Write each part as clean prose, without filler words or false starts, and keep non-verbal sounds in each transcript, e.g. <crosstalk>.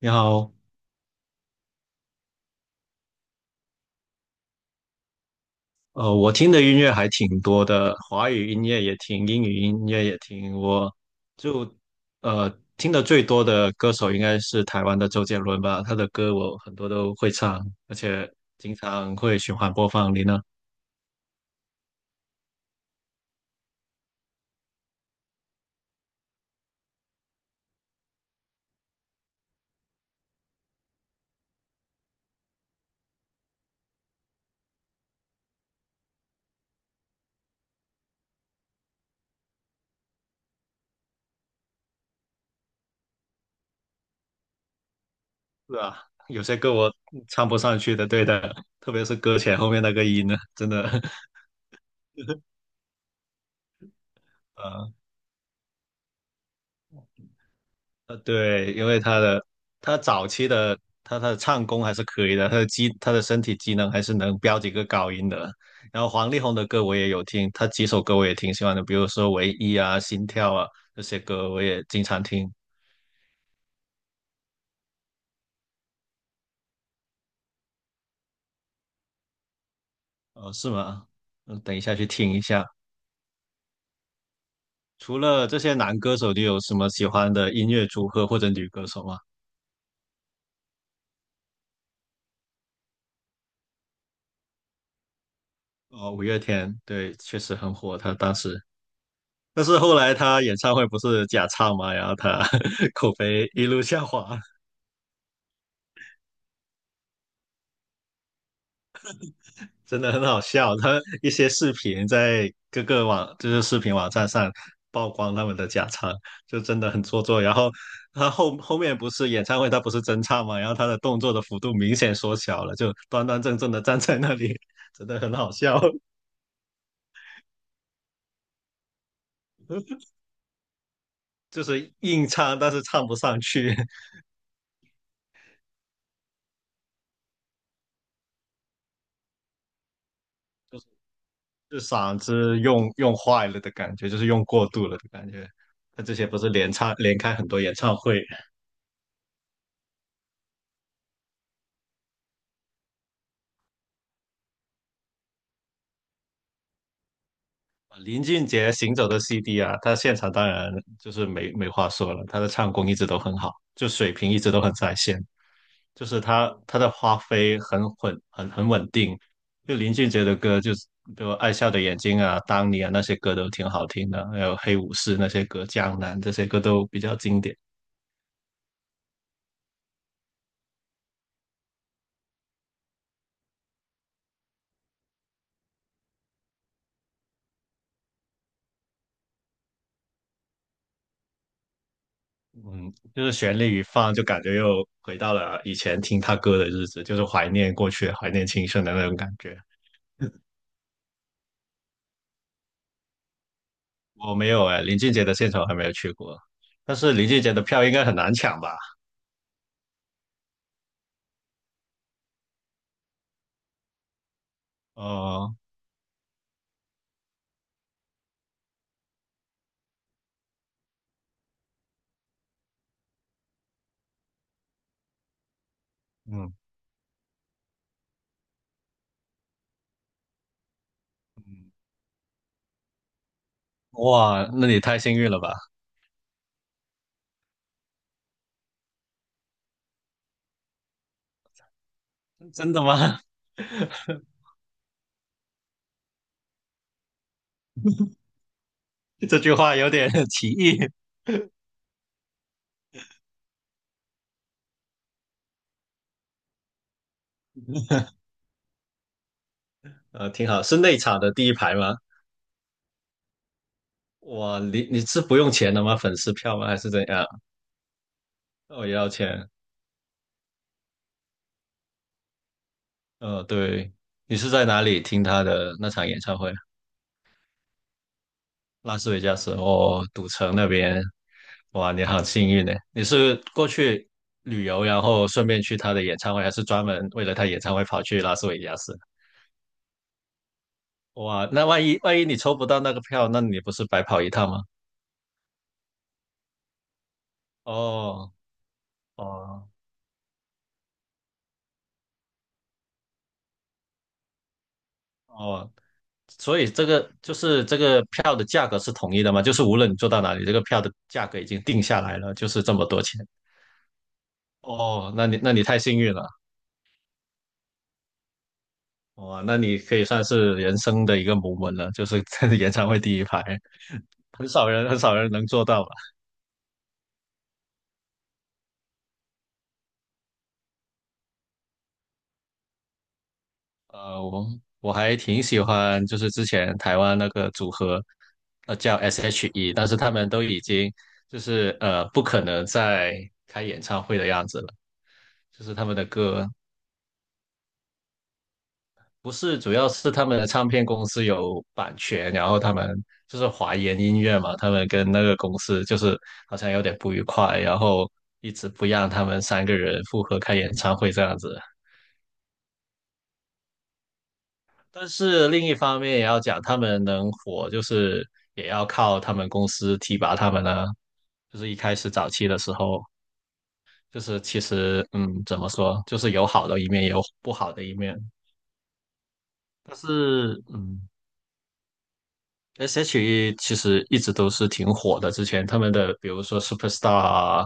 你好，我听的音乐还挺多的，华语音乐也听，英语音乐也听。我就呃听的最多的歌手应该是台湾的周杰伦吧，他的歌我很多都会唱，而且经常会循环播放。你呢？是啊，有些歌我唱不上去的，对的，特别是歌前后面那个音呢，真的，<laughs> 呃，对，因为他早期的他的唱功还是可以的，他的身体机能还是能飙几个高音的。然后黄力宏的歌我也有听，他几首歌我也挺喜欢的，比如说《唯一》啊、《心跳》啊这些歌我也经常听。哦，是吗？嗯，等一下去听一下。除了这些男歌手，你有什么喜欢的音乐组合或者女歌手吗？哦，五月天，对，确实很火，他当时。但是后来他演唱会不是假唱嘛，然后他 <laughs> 口碑一路下滑。真的很好笑，他一些视频在各个网，就是视频网站上曝光他们的假唱，就真的很做作。然后他后面不是演唱会，他不是真唱嘛，然后他的动作的幅度明显缩小了，就端端正正的站在那里，真的很好笑。就是硬唱，但是唱不上去，就是就嗓子用坏了的感觉，就是用过度了的感觉。他之前不是连唱连开很多演唱会，林俊杰《行走的 CD》啊，他现场当然就是没话说了，他的唱功一直都很好，就水平一直都很在线，就是他的发挥很稳，很稳定。就林俊杰的歌，就是比如《爱笑的眼睛》啊、《当你》啊那些歌都挺好听的，还有《黑武士》那些歌，《江南》这些歌都比较经典。嗯，就是旋律一放，就感觉又回到了以前听他歌的日子，就是怀念过去、怀念青春的那种感觉。我没有哎，林俊杰的现场还没有去过，但是林俊杰的票应该很难抢吧？哦，嗯，嗯，哇，那你太幸运了吧？真的吗？<laughs> 这句话有点 <laughs> 歧义。挺好，是内场的第一排吗？哇，你是不用钱的吗？粉丝票吗？还是怎样？哦，也要钱。对，你是在哪里听他的那场演唱会？拉斯维加斯哦，赌城那边，哇，你好幸运呢！你是过去旅游，然后顺便去他的演唱会，还是专门为了他演唱会跑去拉斯维加斯？哇，那万一你抽不到那个票，那你不是白跑一趟吗？哦哦哦，所以这个就是这个票的价格是统一的吗？就是无论你坐到哪里，这个票的价格已经定下来了，就是这么多钱。哦，那你太幸运了。哇，那你可以算是人生的一个 m o 了，就是在 <laughs> 演唱会第一排，很少人能做到吧？呃，我我还挺喜欢，就是之前台湾那个组合，叫 S.H.E，但是他们都已经就是不可能再开演唱会的样子了，就是他们的歌不是，主要是他们的唱片公司有版权，然后他们就是华研音乐嘛，他们跟那个公司就是好像有点不愉快，然后一直不让他们三个人复合开演唱会这样子。但是另一方面也要讲，他们能火，就是也要靠他们公司提拔他们呢。就是一开始早期的时候，就是其实怎么说，就是有好的一面，也有不好的一面。但是，S.H.E 其实一直都是挺火的，之前他们的比如说《Superstar》啊、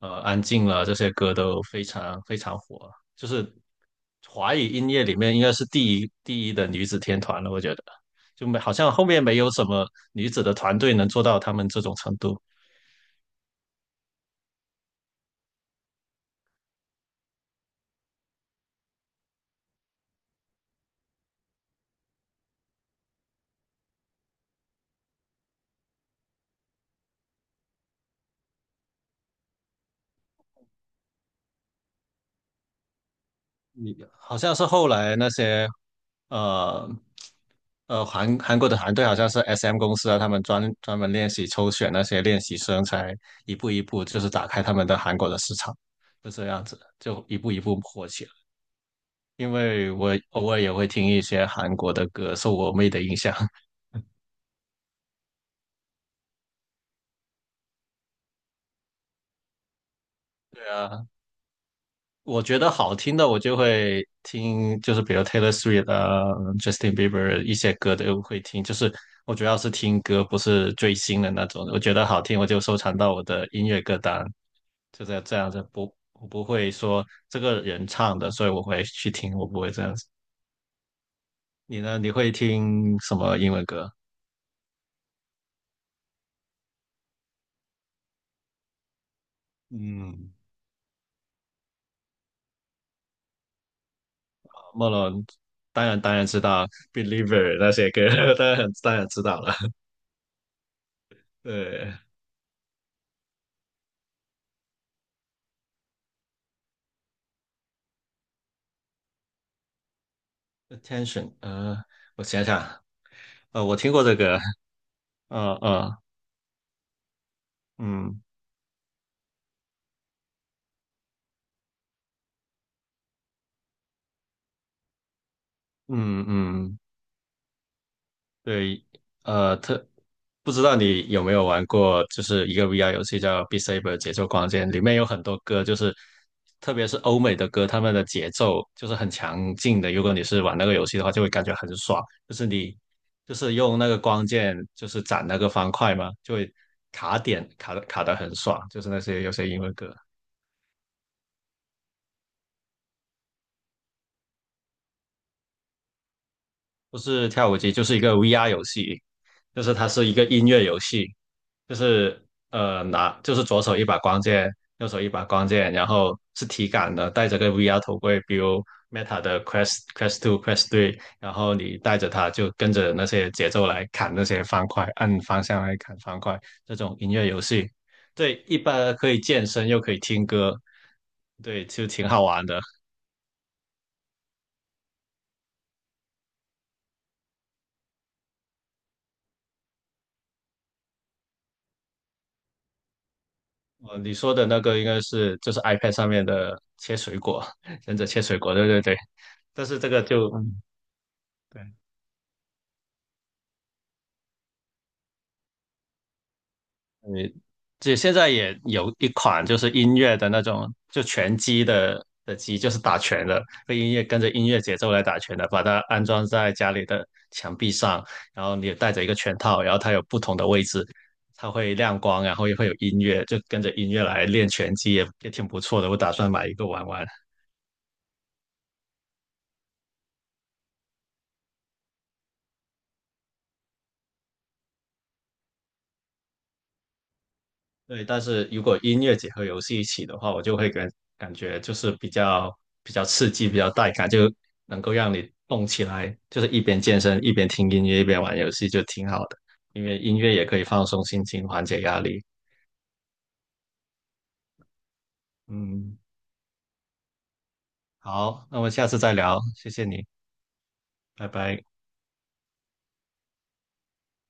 《安静啊》了这些歌都非常非常火，就是华语音乐里面应该是第一的女子天团了，我觉得就没好像后面没有什么女子的团队能做到他们这种程度。你好像是后来那些呃韩国的团队好像是 SM 公司啊，他们专门练习抽选那些练习生，才一步一步就是打开他们的韩国的市场，就这样子，就一步一步火起来。因为我偶尔也会听一些韩国的歌，受我妹的影响。<laughs> 对啊。我觉得好听的，我就会听，就是比如 Taylor Swift 啊、Justin Bieber 一些歌都会听。就是我主要是听歌，不是追星的那种。我觉得好听，我就收藏到我的音乐歌单，就这样子。不，我不会说这个人唱的，所以我会去听，我不会这样子。你呢？你会听什么英文歌？嗯，莫龙，当然当然知道 Believer 那些歌，<laughs> 当然当然知道了。<laughs> 对，attention，我想想，我听过这个，呃呃，嗯嗯嗯，对，呃，特不知道你有没有玩过，就是一个 VR 游戏叫《Beat Saber》节奏光剑，里面有很多歌，就是特别是欧美的歌，他们的节奏就是很强劲的。如果你是玩那个游戏的话，就会感觉很爽，就是你就是用那个光剑就是斩那个方块嘛，就会卡点卡的很爽，就是那些有些英文歌。不是跳舞机，就是一个 VR 游戏，就是它是一个音乐游戏，就是就是左手一把光剑，右手一把光剑，然后是体感的，戴着个 VR 头盔，比如 Meta 的 Quest Quest Two Quest Three，然后你戴着它就跟着那些节奏来砍那些方块，按方向来砍方块，这种音乐游戏，对，一般可以健身又可以听歌，对，就挺好玩的。哦，你说的那个应该是就是 iPad 上面的切水果，<laughs> 忍者切水果，对对对。但是这个就，对，你这现在也有一款就是音乐的那种，就拳击的机，就是打拳的，被音乐跟着音乐节奏来打拳的，把它安装在家里的墙壁上，然后你也带着一个拳套，然后它有不同的位置，它会亮光，然后也会有音乐，就跟着音乐来练拳击也挺不错的，我打算买一个玩玩。对，但是如果音乐结合游戏一起的话，我就会感觉就是比较刺激，比较带感，就能够让你动起来，就是一边健身一边听音乐一边玩游戏，就挺好的。因为音乐也可以放松心情，缓解压力。嗯，好，那我们下次再聊，谢谢你，拜拜。